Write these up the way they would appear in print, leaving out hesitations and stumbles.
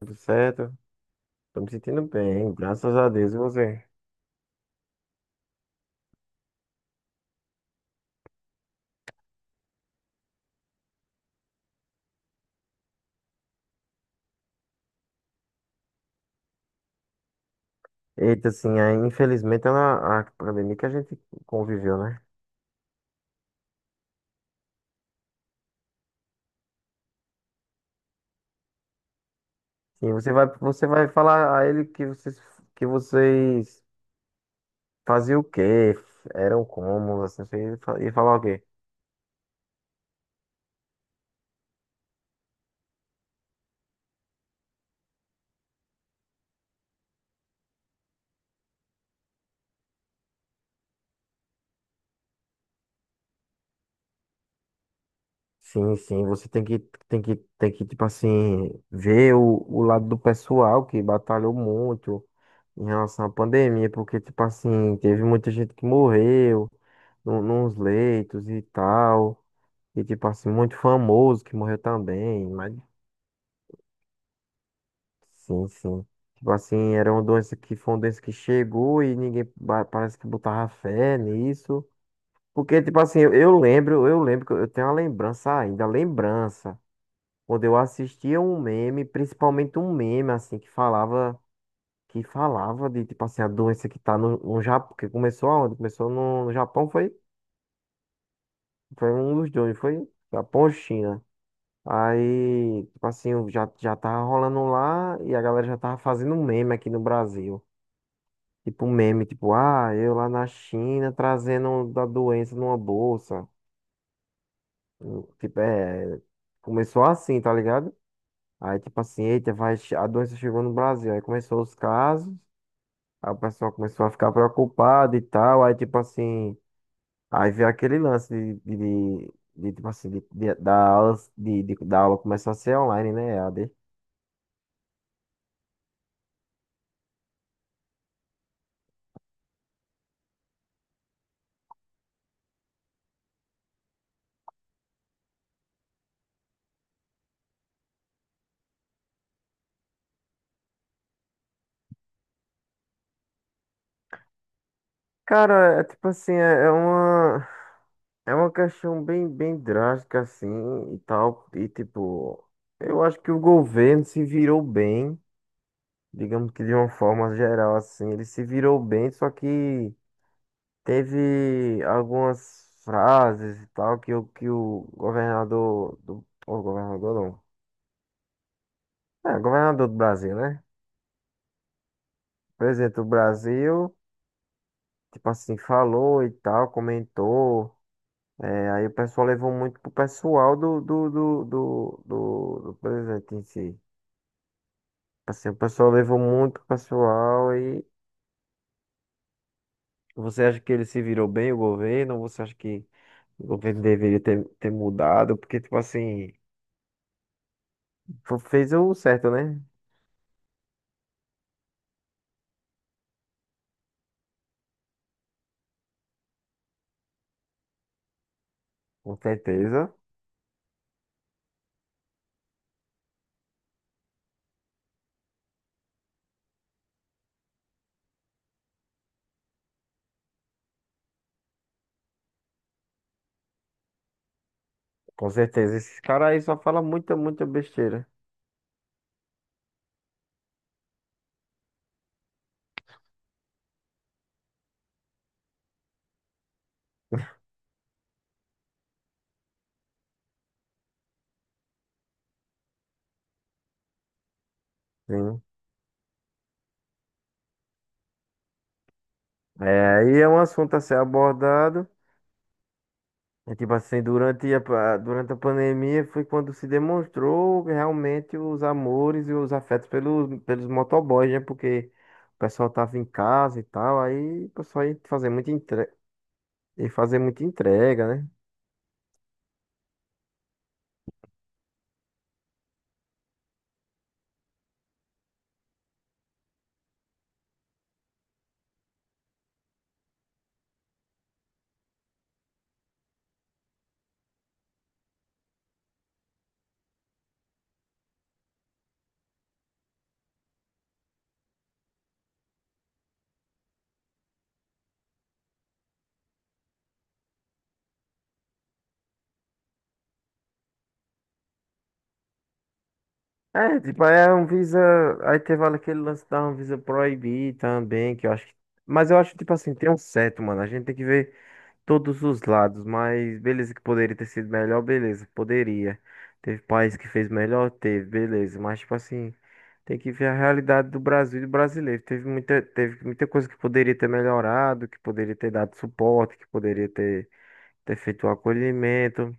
Tudo certo? Tô me sentindo bem, graças a Deus. E você? Eita, assim, aí, infelizmente ela, a pandemia que a gente conviveu, né? Sim, você vai falar a ele que vocês faziam o quê? Eram como, assim, você ia falar o quê? Sim, sim, você tem que, tipo assim, ver o lado do pessoal que batalhou muito em relação à pandemia, porque, tipo assim, teve muita gente que morreu no, nos leitos e tal. E tipo assim, muito famoso que morreu também, mas sim, sim. Tipo assim, era uma doença que foi uma doença que chegou e ninguém parece que botava fé nisso. Porque, tipo assim, eu lembro que eu tenho uma lembrança ainda, lembrança, quando eu assistia um meme, principalmente um meme, assim, que falava de, tipo assim, a doença que tá no Japão, que começou aonde? Começou no Japão, foi? Foi um dos dois, foi Japão ou China? Aí, tipo assim, eu já tava rolando lá e a galera já tava fazendo um meme aqui no Brasil. Tipo um meme, tipo, ah, eu lá na China trazendo da doença numa bolsa. Tipo, é. Começou assim, tá ligado? Aí, tipo assim, eita, a doença chegou no Brasil. Aí começou os casos, aí o pessoal começou a ficar preocupado e tal. Aí, tipo assim, aí veio aquele lance de, tipo assim, da aula começar a ser online, né? EAD. Cara, é tipo assim, é uma, é uma questão bem, bem drástica, assim, e tal. E tipo, eu acho que o governo se virou bem, digamos que de uma forma geral, assim, ele se virou bem, só que teve algumas frases e tal que o governador o governador não, é, governador do Brasil, né? Presidente do Brasil, tipo assim, falou e tal, comentou. É, aí o pessoal levou muito pro pessoal do presidente em si. Assim, o pessoal levou muito pro pessoal e você acha que ele se virou bem, o governo? Ou você acha que o governo deveria ter, ter mudado? Porque, tipo assim, fez o certo, né? Com certeza. Com certeza. Esses caras aí só falam muita, muita besteira. Sim. É, aí é um assunto a ser abordado. É tipo assim, durante durante a pandemia foi quando se demonstrou realmente os amores e os afetos pelos, pelos motoboys, né? Porque o pessoal tava em casa e tal, aí o pessoal ia fazer muita entrega, ia fazer muita entrega, né? É, tipo, aí a Anvisa, aí teve aquele lance da Anvisa proibir também, que eu acho que, mas eu acho, tipo assim, tem um certo, mano, a gente tem que ver todos os lados, mas beleza que poderia ter sido melhor, beleza, poderia. Teve país que fez melhor, teve, beleza, mas tipo assim, tem que ver a realidade do Brasil e do brasileiro. Teve muita coisa que poderia ter melhorado, que poderia ter dado suporte, que poderia ter, ter feito o acolhimento.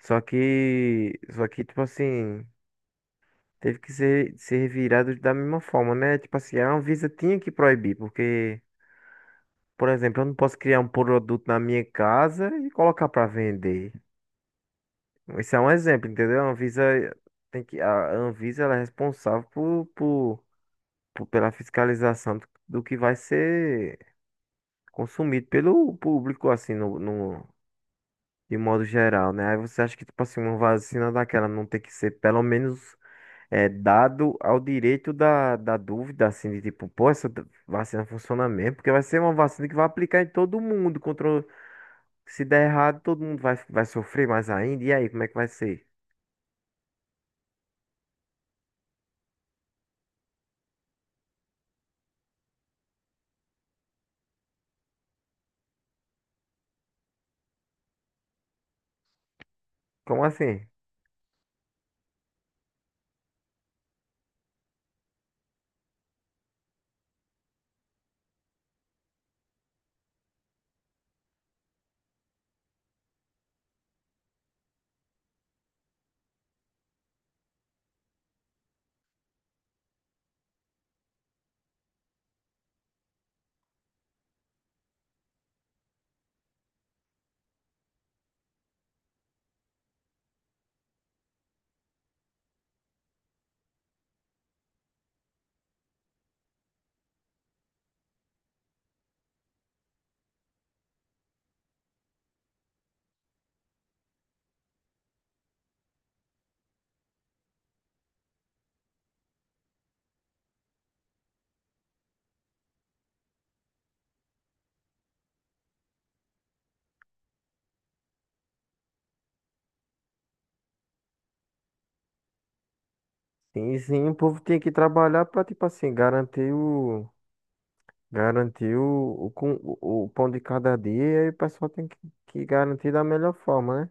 Só que tipo assim, teve que ser, ser virado da mesma forma, né? Tipo assim, a Anvisa tinha que proibir, porque por exemplo, eu não posso criar um produto na minha casa e colocar para vender. Isso é um exemplo, entendeu? A Anvisa tem que, a Anvisa ela é responsável pela fiscalização do que vai ser consumido pelo público, assim, no, de modo geral, né? Aí você acha que, tipo assim, uma vacina daquela não tem que ser, pelo menos, é, dado ao direito da dúvida, assim, de tipo, pô, essa vacina funciona mesmo, porque vai ser uma vacina que vai aplicar em todo mundo, contra, se der errado, todo mundo vai sofrer mais ainda, e aí, como é que vai ser? Como assim? Sim, sim, o povo tem que trabalhar para, tipo assim, garantir o pão de cada dia e aí o pessoal tem que garantir da melhor forma, né?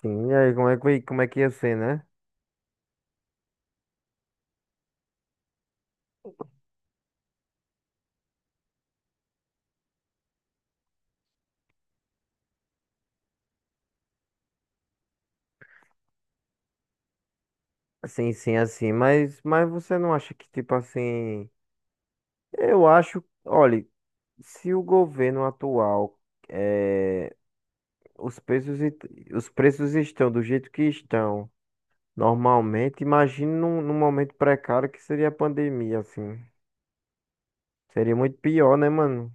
Sim, e aí como é que ia ser, né? Sim, sim, assim, mas você não acha que, tipo assim, eu acho, olha, se o governo atual, eh, os preços, os preços estão do jeito que estão, normalmente, imagine num momento precário que seria a pandemia, assim. Seria muito pior, né, mano?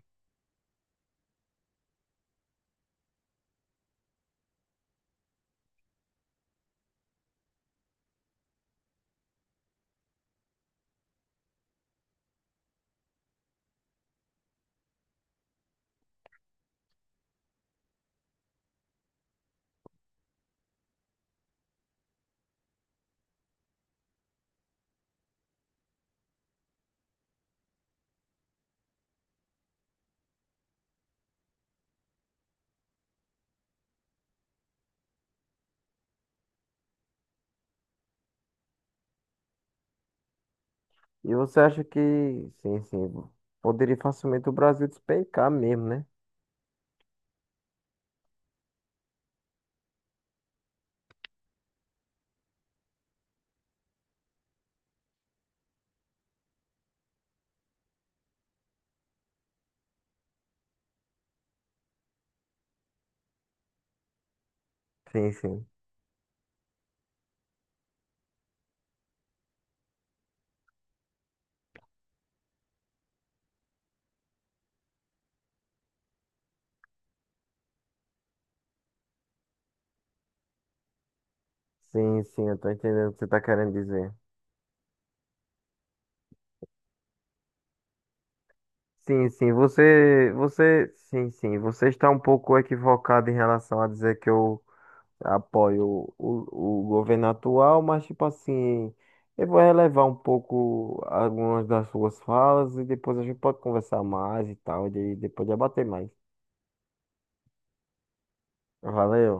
E você acha que, sim, sim, poderia facilmente o Brasil despencar mesmo, né? Sim, sim. Sim, sim, eu tô entendendo o que você tá querendo dizer. Sim, sim, você está um pouco equivocado em relação a dizer que eu apoio o governo atual, mas tipo assim, eu vou relevar um pouco algumas das suas falas e depois a gente pode conversar mais e tal, e depois debater mais. Valeu.